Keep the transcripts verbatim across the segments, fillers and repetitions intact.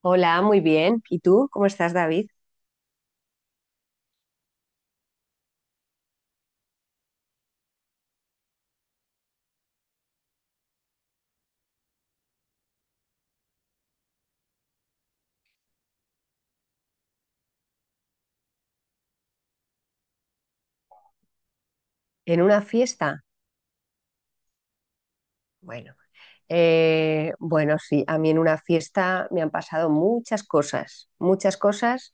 Hola, muy bien. ¿Y tú? ¿Cómo estás, David? ¿En una fiesta? Bueno, eh, bueno, sí, a mí en una fiesta me han pasado muchas cosas, muchas cosas,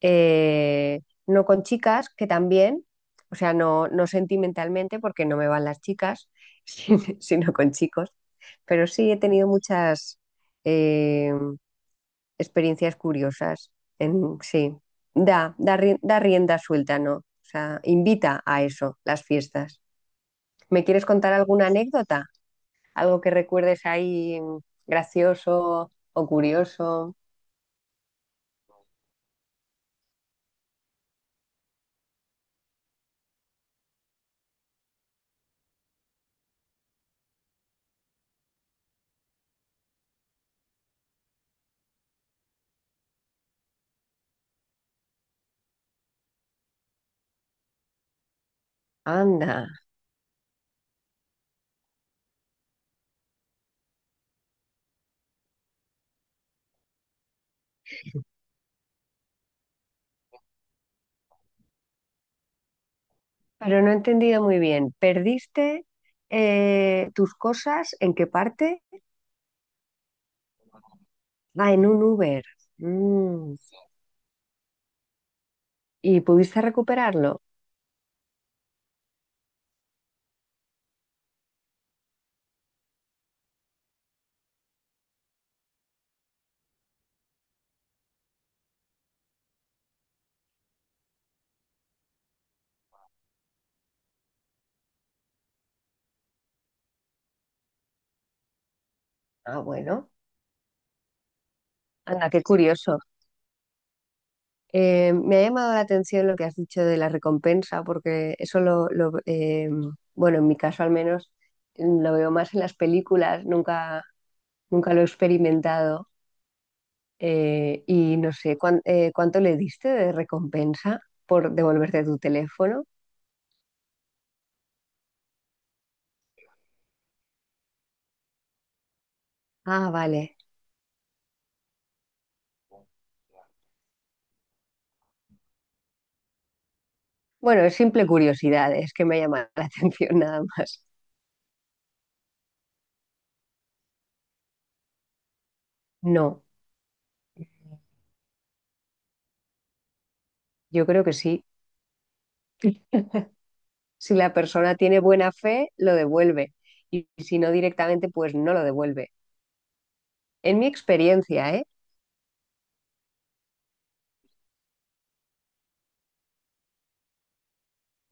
eh, no con chicas, que también, o sea, no, no sentimentalmente, porque no me van las chicas, sino sino con chicos, pero sí he tenido muchas eh, experiencias curiosas. En, sí, da, da, ri- da rienda suelta, ¿no? O sea, invita a eso, las fiestas. ¿Me quieres contar alguna anécdota? ¿Algo que recuerdes ahí mm, gracioso o curioso? Anda, pero no he entendido muy bien. ¿Perdiste eh, tus cosas en qué parte? Ah, en un Uber. Mm, ¿y pudiste recuperarlo? Ah, bueno. Anda, qué curioso. Eh, me ha llamado la atención lo que has dicho de la recompensa, porque eso lo, lo, eh, bueno, en mi caso al menos, mm, lo veo más en las películas, nunca, nunca lo he experimentado. Eh, y no sé, ¿cuán- eh, ¿cuánto le diste de recompensa por devolverte tu teléfono? Ah, vale. Bueno, es simple curiosidad, es que me llama la atención nada más. No, yo creo que sí. Si la persona tiene buena fe, lo devuelve. Y si no directamente, pues no lo devuelve. En mi experiencia, ¿eh?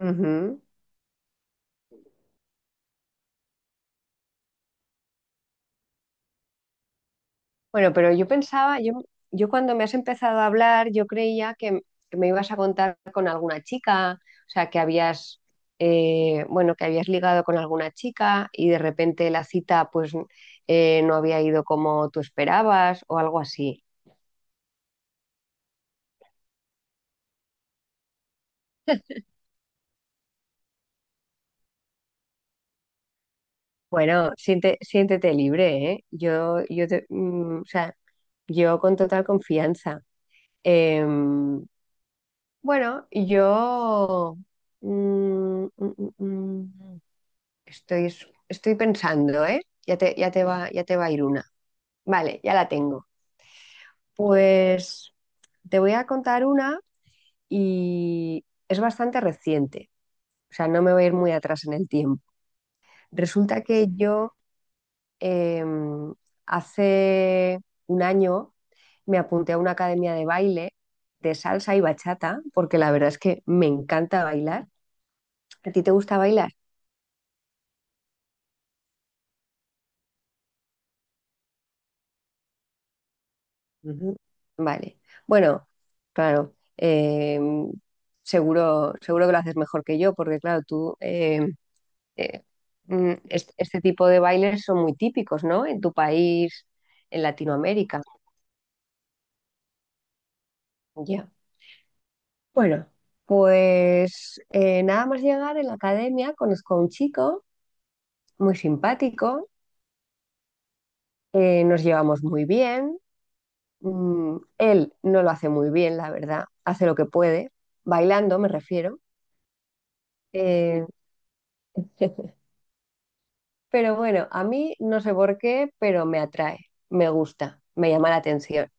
Ujú. Bueno, pero yo pensaba, yo, yo cuando me has empezado a hablar, yo creía que, que me ibas a contar con alguna chica, o sea, que habías, eh, bueno, que habías ligado con alguna chica y de repente la cita, pues, eh, no había ido como tú esperabas o algo así. Bueno, siente- siéntete libre, ¿eh? Yo, yo te- mm, o sea, yo con total confianza. Em, bueno, yo, mm, mm, mm, mm. estoy, estoy pensando, ¿eh? Ya te, ya te va, ya te va a ir una. Vale, ya la tengo. Pues te voy a contar una y es bastante reciente. O sea, no me voy a ir muy atrás en el tiempo. Resulta que yo em, hace un año me apunté a una academia de baile de salsa y bachata, porque la verdad es que me encanta bailar. ¿A ti te gusta bailar? Ujú. Vale. Bueno, claro. Eh, seguro, seguro que lo haces mejor que yo, porque claro, tú, eh, eh, mm, est- este, tipo de bailes son muy típicos, ¿no? En tu país, en Latinoamérica. Ya. Bueno, pues eh, nada más llegar en la academia, conozco a un chico muy simpático, eh, nos llevamos muy bien. Mm, él no lo hace muy bien, la verdad, hace lo que puede, bailando me refiero. eh, Pero bueno, a mí no sé por qué, pero me atrae, me gusta, me llama la atención.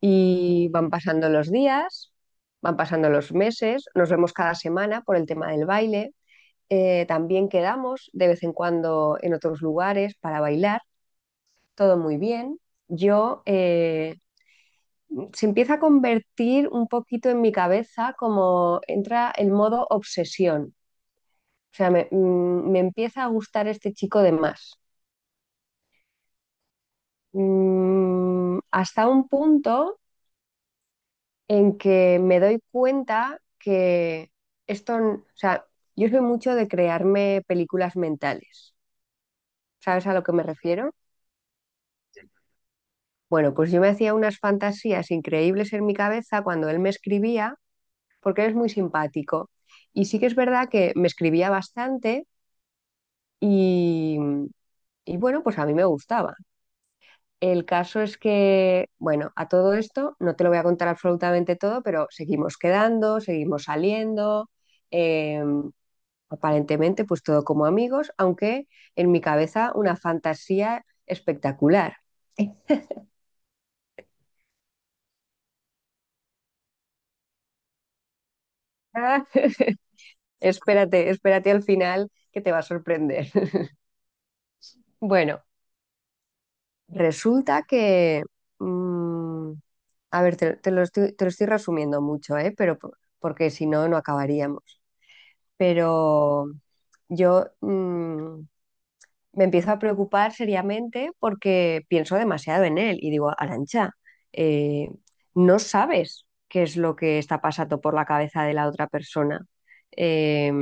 Y van pasando los días, van pasando los meses, nos vemos cada semana por el tema del baile. Eh, también quedamos de vez en cuando en otros lugares para bailar, todo muy bien. Yo eh, Se empieza a convertir un poquito en mi cabeza como entra el modo obsesión. O sea, me, mm, me empieza a gustar este chico de más. Mm, hasta un punto en que me doy cuenta que esto, n- o sea, yo soy mucho de crearme películas mentales. ¿Sabes a lo que me refiero? Bueno, pues yo me hacía unas fantasías increíbles en mi cabeza cuando él me escribía, porque él es muy simpático. Y sí que es verdad que me escribía bastante y, y bueno, pues a mí me gustaba. El caso es que, bueno, a todo esto no te lo voy a contar absolutamente todo, pero seguimos quedando, seguimos saliendo, eh, aparentemente pues todo como amigos, aunque en mi cabeza una fantasía espectacular. Espérate, espérate al final que te va a sorprender. Bueno, resulta que, mm, a ver, te, te lo estoy, te lo estoy resumiendo mucho, ¿eh? Pero po- porque si no, no acabaríamos. Pero yo mm, me empiezo a preocupar seriamente porque pienso demasiado en él y digo, Arancha, eh, no sabes qué es lo que está pasando por la cabeza de la otra persona. Eh,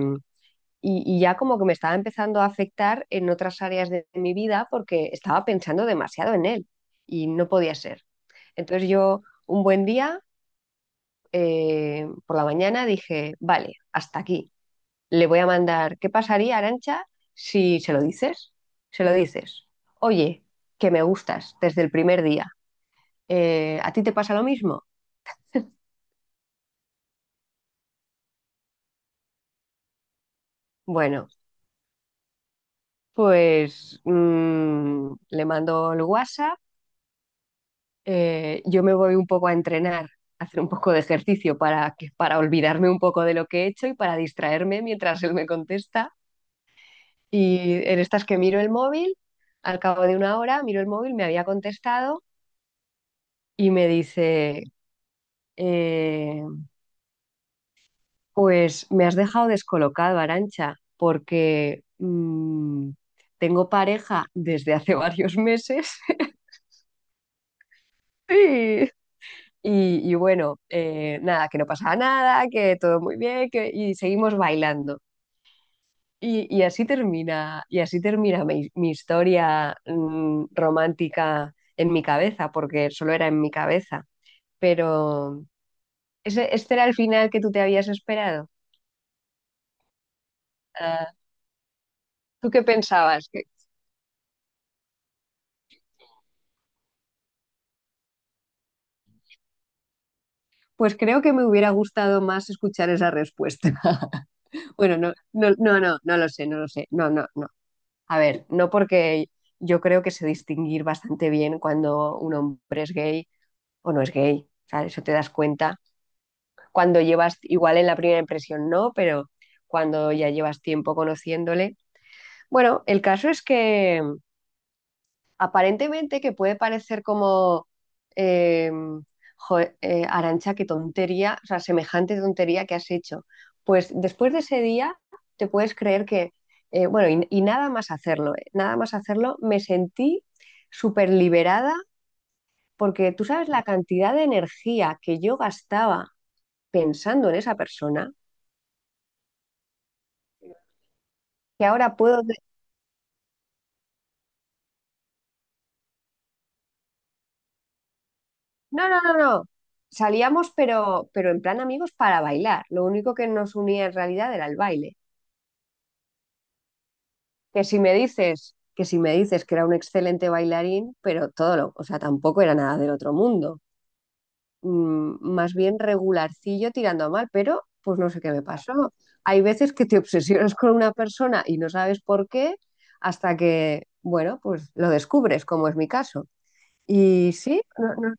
y, y ya como que me estaba empezando a afectar en otras áreas de mi vida porque estaba pensando demasiado en él y no podía ser. Entonces yo un buen día, eh, por la mañana, dije, vale, hasta aquí le voy a mandar, ¿qué pasaría, Arancha, si se lo dices? Se lo dices. Oye, que me gustas desde el primer día. Eh, ¿a ti te pasa lo mismo? Bueno, pues mm, le mando el WhatsApp. Eh, yo me voy un poco a entrenar, a hacer un poco de ejercicio para, que, para olvidarme un poco de lo que he hecho y para distraerme mientras él me contesta. Y en estas que miro el móvil, al cabo de una hora miro el móvil, me había contestado y me dice, eh, pues me has dejado descolocado, Arancha, porque mm, tengo pareja desde hace varios meses y, y bueno, eh, nada, que no pasa nada, que todo muy bien, que, y seguimos bailando. Y, y así termina, y así termina mi, mi historia mm, romántica en mi cabeza, porque solo era en mi cabeza. Pero ese, este era el final que tú te habías esperado. Ah, ¿tú qué pensabas? Pues creo que me hubiera gustado más escuchar esa respuesta. Bueno, no, no, no, no, no lo sé, no lo sé. No, no, no. A ver, no porque yo creo que sé distinguir bastante bien cuando un hombre es gay o no es gay. ¿Sabes? Eso te das cuenta. Cuando llevas, igual en la primera impresión no, pero cuando ya llevas tiempo conociéndole. Bueno, el caso es que aparentemente que puede parecer como, eh, jo, eh, Arancha, qué tontería, o sea, semejante tontería que has hecho. Pues después de ese día te puedes creer que, eh, bueno, y, y nada más hacerlo, eh, nada más hacerlo, me sentí súper liberada porque tú sabes la cantidad de energía que yo gastaba pensando en esa persona, que ahora puedo... de- No, no, no, no. Salíamos, pero, pero en plan amigos para bailar. Lo único que nos unía en realidad era el baile. Que si me dices, que si me dices que era un excelente bailarín, pero todo lo, o sea, tampoco era nada del otro mundo. Mm, más bien regularcillo tirando a mal, pero pues no sé qué me pasó. Hay veces que te obsesionas con una persona y no sabes por qué hasta que, bueno, pues lo descubres, como es mi caso. Y sí, no, no,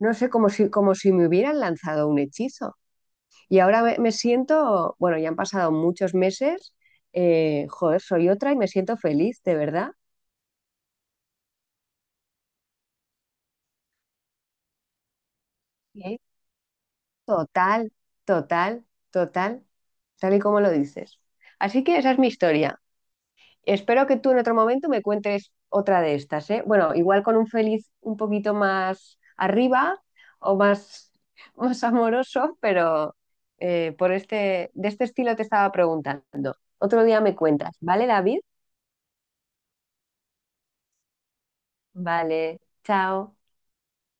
no sé, como si, como si me hubieran lanzado un hechizo. Y ahora me, me siento, bueno, ya han pasado muchos meses, eh, joder, soy otra y me siento feliz, de verdad. Sí, total, total, total, tal y como lo dices. Así que esa es mi historia. Espero que tú en otro momento me cuentes otra de estas, ¿eh? Bueno, igual con un feliz un poquito más arriba o más, más amoroso, pero eh, por este, de este estilo te estaba preguntando. Otro día me cuentas, ¿vale, David? Vale, chao.